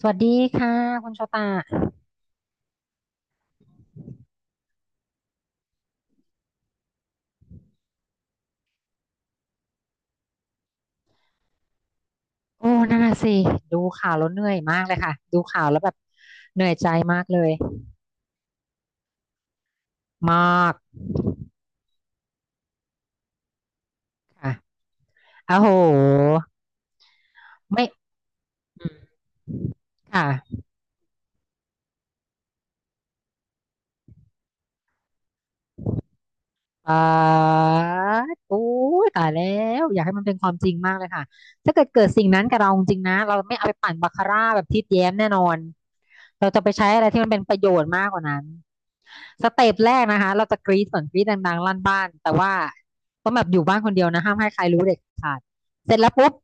สวัสดีค่ะคุณโชตาโอ้นั่นน่ะสิดูข่าวแล้วเหนื่อยมากเลยค่ะดูข่าวแล้วแบบเหนื่อยใจมากเลยมากค่ะอ้าโหไม่อืมค่ะ อ่าโอ้ยตายแล้วอยากให้มันเป็นความจริงมากเลยค่ะถ้าเกิดสิ่งนั้นกับเราจริงๆนะเราไม่เอาไปปั่นบาคาร่าแบบทิดแย้มแน่นอนเราจะไปใช้อะไรที่มันเป็นประโยชน์มากกว่านั้นสเต็ปแรกนะคะเราจะกรี๊ดก่อนกรี๊ดดังๆลั่นบ้านแต่ว่าต้องแบบอยู่บ้านคนเดียวนะห้ามให้ใครรู้เด็ดขาดเสร็จแล้วปุ๊บ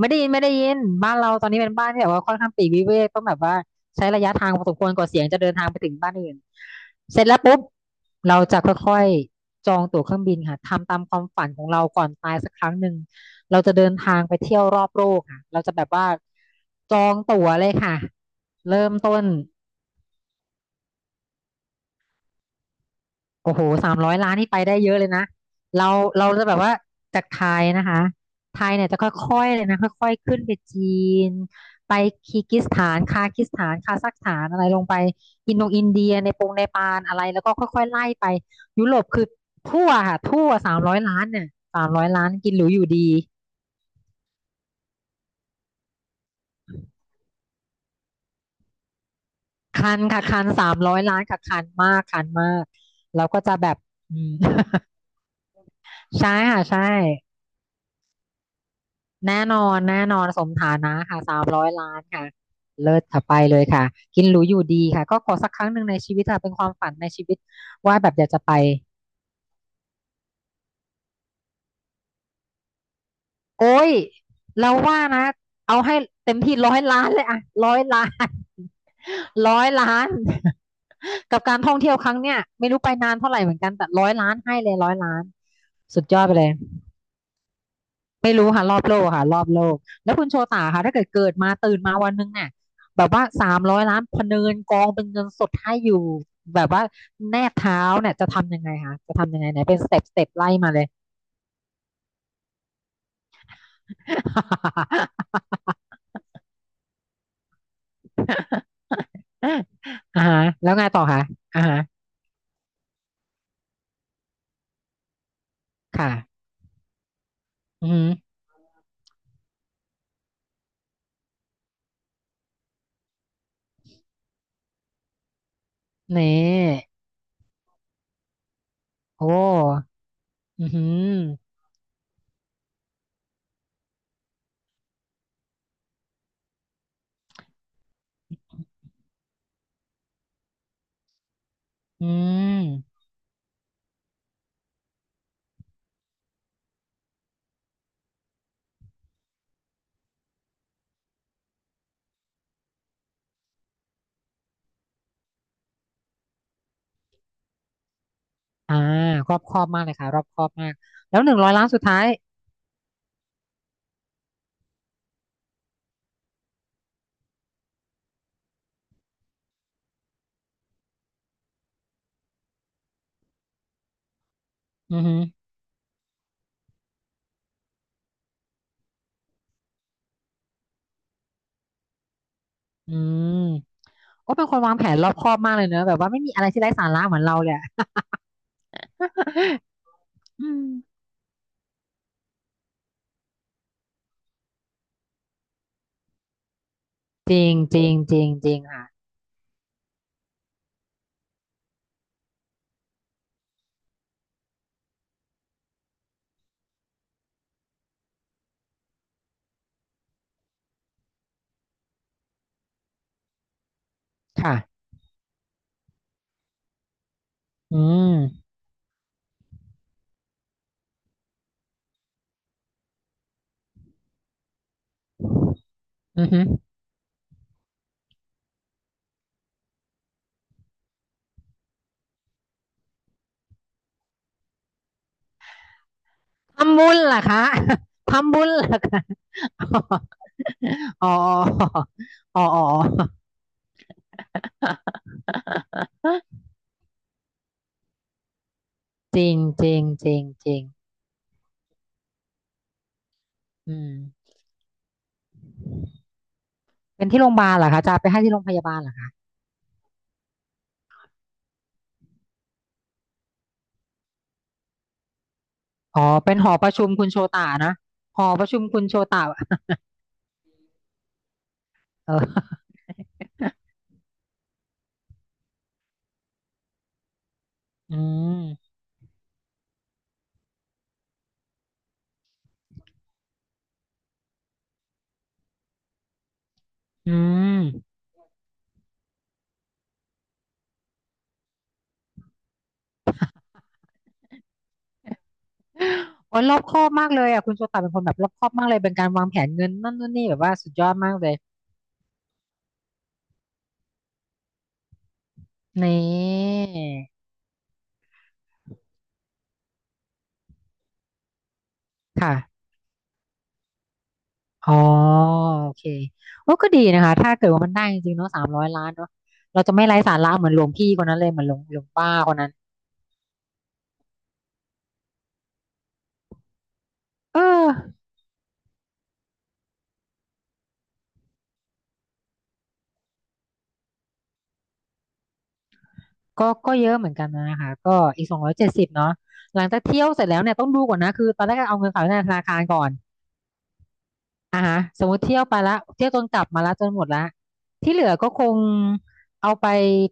ไม่ได้ยินไม่ได้ยินบ้านเราตอนนี้เป็นบ้านที่แบบว่าค่อนข้างปลีกวิเวกต้องแบบว่าใช้ระยะทางพอสมควรกว่าเสียงจะเดินทางไปถึงบ้านอื่นเสร็จแล้วปุ๊บเราจะค่อยๆจองตั๋วเครื่องบินค่ะทำตามความฝันของเราก่อนตายสักครั้งหนึ่งเราจะเดินทางไปเที่ยวรอบโลกค่ะเราจะแบบว่าจองตั๋วเลยค่ะเริ่มต้น โอ้โห300 ล้านนี่ไปได้เยอะเลยนะ เราเราจะแบบว่าจากไทยนะคะไทยเนี่ยจะค่อยๆเลยนะค่อยๆขึ้นไปจีนไปคีร์กซสถานคาซัคสถานอะไรลงไปอินโดอินเดียในปงเนปาลอะไรแล้วก็ค่อยๆไล่ไปยุโรปคือทั่วค่ะทั่วสามร้อยล้านเนี่ยสามร้อยล้านกินหรูอยู่ดีคันค่ะคันสามร้อยล้านค่ะคันมากคันมากเราก็จะแบบอืม ใช่ค่ะใช่ แน่นอนแน่นอนสมฐานะค่ะสามร้อยล้านค่ะเลิศค่ะไปเลยค่ะกินหรูอยู่ดีค่ะก็ขอสักครั้งหนึ่งในชีวิตค่ะเป็นความฝันในชีวิตว่าแบบอยากจะไปโอ้ยเราว่านะเอาให้เต็มที่ร้อยล้านเลยอะร้อยล้านร้อยล้าน กับการท่องเที่ยวครั้งเนี้ยไม่รู้ไปนานเท่าไหร่เหมือนกันแต่ร้อยล้านให้เลยร้อยล้านสุดยอดไปเลย ไม่รู้ค่ะรอบโลกค่ะรอบโลกแล้วคุณโชตาค่ะถ้าเกิดมาตื่นมาวันหนึงเนี่ยแบบว่าสามร้อยล้านพะเนินกองเป็นเงินสดให้อยู่แบบว่าแนบเท้าเนี่ยจะทำยังไงคะจะทำยังไงไหนเป็นสเต็ปไล่มาเลย อ่าฮะแล้วไงต่อคะอ่าฮะค่ะอืมอนี่โอ้อือหืออืมอ่ารอบคอบมากเลยค่ะรอบคอบมากแล้ว100 ล้านสุดท้ายอือหืออืม โอ้เป็นคนวางแผนรอบคอบมากเลยเนอะแบบว่าไม่มีอะไรที่ไร้สาระเหมือนเราเลยอะ อืมจริงจริงจริงจริงค่ะค่ะอืมอือฮึทำบุญเหรอคะ ทำบุญเหรอคะ อ๋ออ๋ออ๋อจริงจริงจริงจริงอืมเป็นที่โรงพยาบาลเหรอคะจะเอาไปให้ที่โรงพยาบาลเหรอคะอ๋อเป็นหอประชุมคุณโชตานะหอประชุมคุณโชตาเออ อืมอืม โอ้ยรอบคอบมากเลยอ่ะคุณโชตะเป็นคนแบบรอบคอบมากเลยเป็นการวางแผนเงินนั่นนู่นนี่แบบว่าสุดยอดมากเลยนี่ค่ะอ๋อโอเคโอ้ก็ดีนะคะถ้าเกิดว่ามันได้จริงๆเนาะสามร้อยล้านเนาะเราจะไม่ไร้สาระเหมือนหลวงพี่คนนั้นเลยเหมือนหลวงป้าคนนั้นเออก็ก็เยอะเหมือนกันนะคะก็อีก270เนาะหลังจากเที่ยวเสร็จแล้วเนี่ยต้องดูก่อนนะคือตอนแรกก็เอาเงินฝากไว้ในธนาคารก่อน อ่าฮะสมมติเที่ยวไปละเที่ยวจนกลับมาละจนหมดละที่เหลือก็คงเอาไป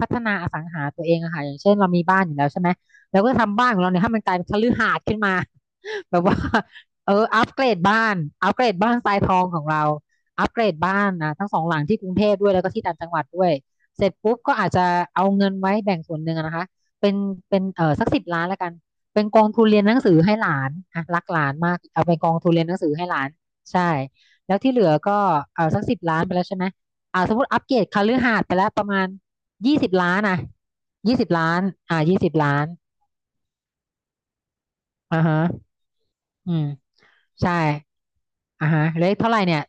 พัฒนาอสังหาตัวเองอะค่ะอย่างเช่นเรามีบ้านอยู่แล้วใช่ไหมเราก็ทำบ้านของเราเนี่ยให้มันกลายเป็นคฤหาสน์ขึ้นมา แบบว่าเอออัปเกรดบ้านอัปเกรดบ้านทรายทองของเราอัปเกรดบ้านนะทั้งสองหลังที่กรุงเทพด้วยแล้วก็ที่ต่างจังหวัดด้วยเสร็จปุ๊บก็อาจจะเอาเงินไว้แบ่งส่วนหนึ่งอะนะคะเป็นเป็นเออสักสิบล้านแล้วกันเป็นกองทุนเรียนหนังสือให้หลานอ่ะรักหลานมากเอาไปกองทุนเรียนหนังสือให้หลานใช่ แล้วที่เหลือก็เออสักสิบล้านไปแล้วใช่ไหมอ่าสมมติอัปเกรดคฤหาสน์ไปแล้วประมาณยี่สิบล้านอ่ะยี่สิบล้านอ่ายี่สิบล้านอ่าฮะอืมใช่อ่าฮะเหลขเท่าไหร่เนี่ย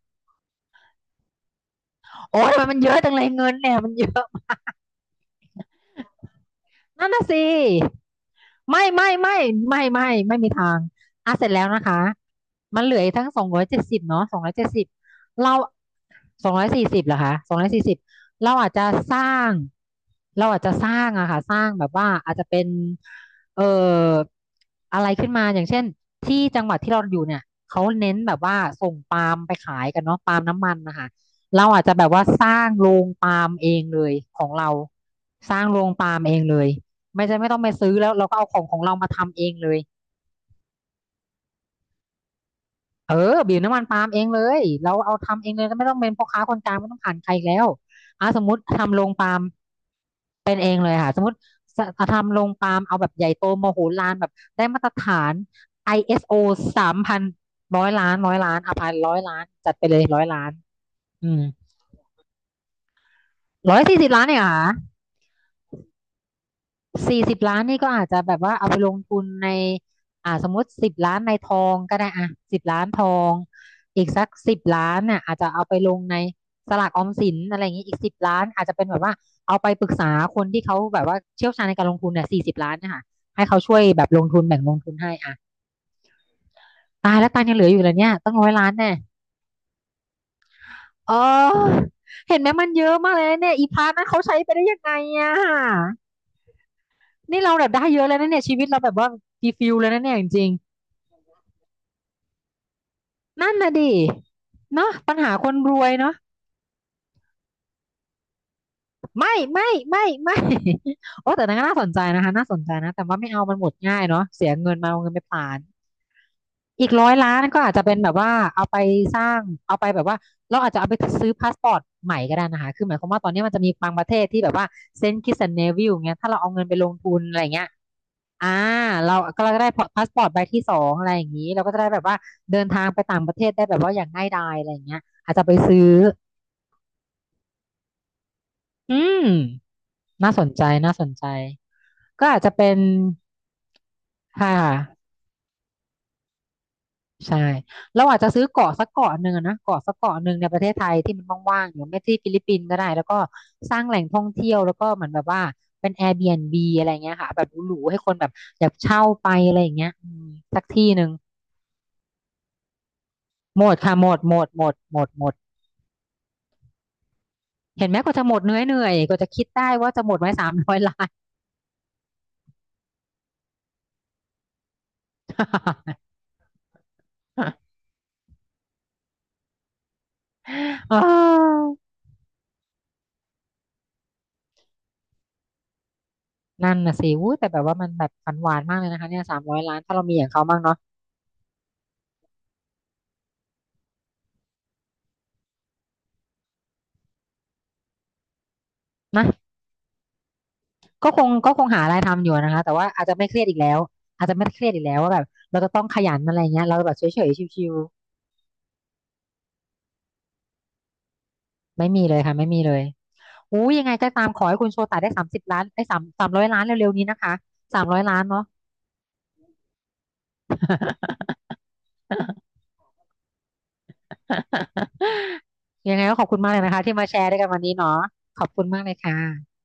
โอ้ยทำไมมันเยอะจังเลยเงินเนี่ยมันเยอะ นั่นน่ะสิไม่ไม่ไม่ไม่ไม่ไม่มีทางอ่ะเสร็จแล้วนะคะมันเหลืออีกทั้งสองร้อยเจ็ดสิบเนาะสองร้อยเจ็ดสิบเราสองร้อยสี่สิบเหรอคะสองร้อยสี่สิบเราอาจจะสร้างเราอาจจะสร้างอะค่ะสร้างแบบว่าอาจจะเป็นเอ่ออะไรขึ้นมาอย่างเช่นที่จังหวัดที่เราอยู่เนี่ยเขาเน้นแบบว่าส่งปาล์มไปขายกันเนาะปาล์มน้ำมันนะคะเราอาจจะแบบว่าสร้างโรงปาล์มเองเลยของเราสร้างโรงปาล์มเองเลย ไม่ใช่ไม่ต้องไปซื้อแล้วเราก็เอาของเรามาทำเองเลยเออบีบน้ำมันปาล์มเองเลยเราเอาทำเองเลยไม่ต้องเป็นพ่อค้าคนกลางไม่ต้องผ่านใครอีกแล้วอ่ะสมมติทำโรงปาล์มเป็นเองเลยค่ะสมมติสทำโรงปาล์มเอาแบบใหญ่โตมโหฬารแบบได้มาตรฐาน ISO สโอ3000ร้อยล้านร้อยล้านอ่ะพันร้อยล้านจัดไปเลยร้อยล้านอืม140 ล้านเนี่ยเหรอค่ะ สี่สิบล้านนี่ก็อาจจะแบบว่าเอาไปลงทุนในอ่าสมมติสิบล้านในทองก็ได้อ่ะสิบล้านทองอีกสักสิบล้านน่ะอาจจะเอาไปลงในสลากออมสินอะไรอย่างนี้อีกสิบล้านอาจจะเป็นแบบว่าเอาไปปรึกษาคนที่เขาแบบว่าเชี่ยวชาญในการลงทุนเนี่ยสี่สิบล้านเนะคะให้เขาช่วยแบบลงทุนแบ่งลงทุนให้อ่ะตายแล้วตังค์ยังเหลืออยู่เลยเนี่ยตั้งร้อยล้านแน่เออเห็นไหมมันเยอะมากเลยนะเนี่ยอีพาร์ทนั้นเขาใช้ไปได้ยังไงอ่ะนี่เราแบบได้เยอะแล้วนะเนี่ยชีวิตเราแบบว่าดีฟิลเลยนะเนี่ยจริง นั่นน่ะดิเนาะปัญหาคนรวยเนาะไม่ โอ้แต่นั้นก็น่าสนใจนะคะน่าสนใจนะแต่ว่าไม่เอามันหมดง่ายเนาะเสียเงินมาเอาเงินไปผลานอีกร้อยล้านก็อาจจะเป็นแบบว่าเอาไปสร้างเอาไปแบบว่าเราอาจจะเอาไปซื้อพาสปอร์ตใหม่ก็ได้นะคะคือหมายความว่าตอนนี้มันจะมีบางประเทศที่แบบว่าเซนต์คิตส์แอนด์เนวิลเงี้ยถ้าเราเอาเงินไปลงทุนอะไรเงี้ยอ่าเราก็ได้พาสปอร์ตใบที่ 2อะไรอย่างนี้เราก็จะได้แบบว่าเดินทางไปต่างประเทศได้แบบว่าอย่างง่ายดายอะไรอย่างเงี้ยอาจจะไปซื้อ อืมน่าสนใจน่าสนใจก็อาจจะเป็นค่ะใช่เราอาจจะซื้อเกาะสักเกาะหนึ่งอะนะเกาะสักเกาะหนึ่งในประเทศไทยที่มันว่างๆหรือไม่ที่ฟิลิปปินส์ก็ได้แล้วก็สร้างแหล่งท่องเที่ยวแล้วก็เหมือนแบบว่าเป็น Airbnb อะไรเงี้ยค่ะแบบหรูๆให้คนแบบอยากเช่าไปอะไรอย่างเงี้ยอืมสักที่ 1หมดค่ะหมดหมดหมดหมดหมดเห็นไหมกว่าจะหมดเหนื่อยเหนื่อยกว่าจะคิดได้ว่าจะหมดไว้สามร้อยล้าน อ้าว นั่นน่ะสิวู้แต่แบบว่ามันแบบฝันหวานมากเลยนะคะเนี่ยสามร้อยล้านถ้าเรามีอย่างเขาบ้างเนาะนะก็คงหาอะไรทำอยู่นะคะแต่ว่าอาจจะไม่เครียดอีกแล้วอาจจะไม่เครียดอีกแล้วว่าแบบเราจะต้องขยันอะไรเงี้ยเราแบบเฉยๆชิวๆไม่มีเลยค่ะไม่มีเลยอู้ยังไงก็ตามขอให้คุณโชตาได้30 ล้านได้สามสามร้อยล้านเร็วๆนี้นะคะสามร้อยล้านเนาะ ยังไงก็ขอบคุณมากเลยนะคะที่มาแชร์ด้วยกันวันนี้เนาะขอบคุณมากเลยค่ะ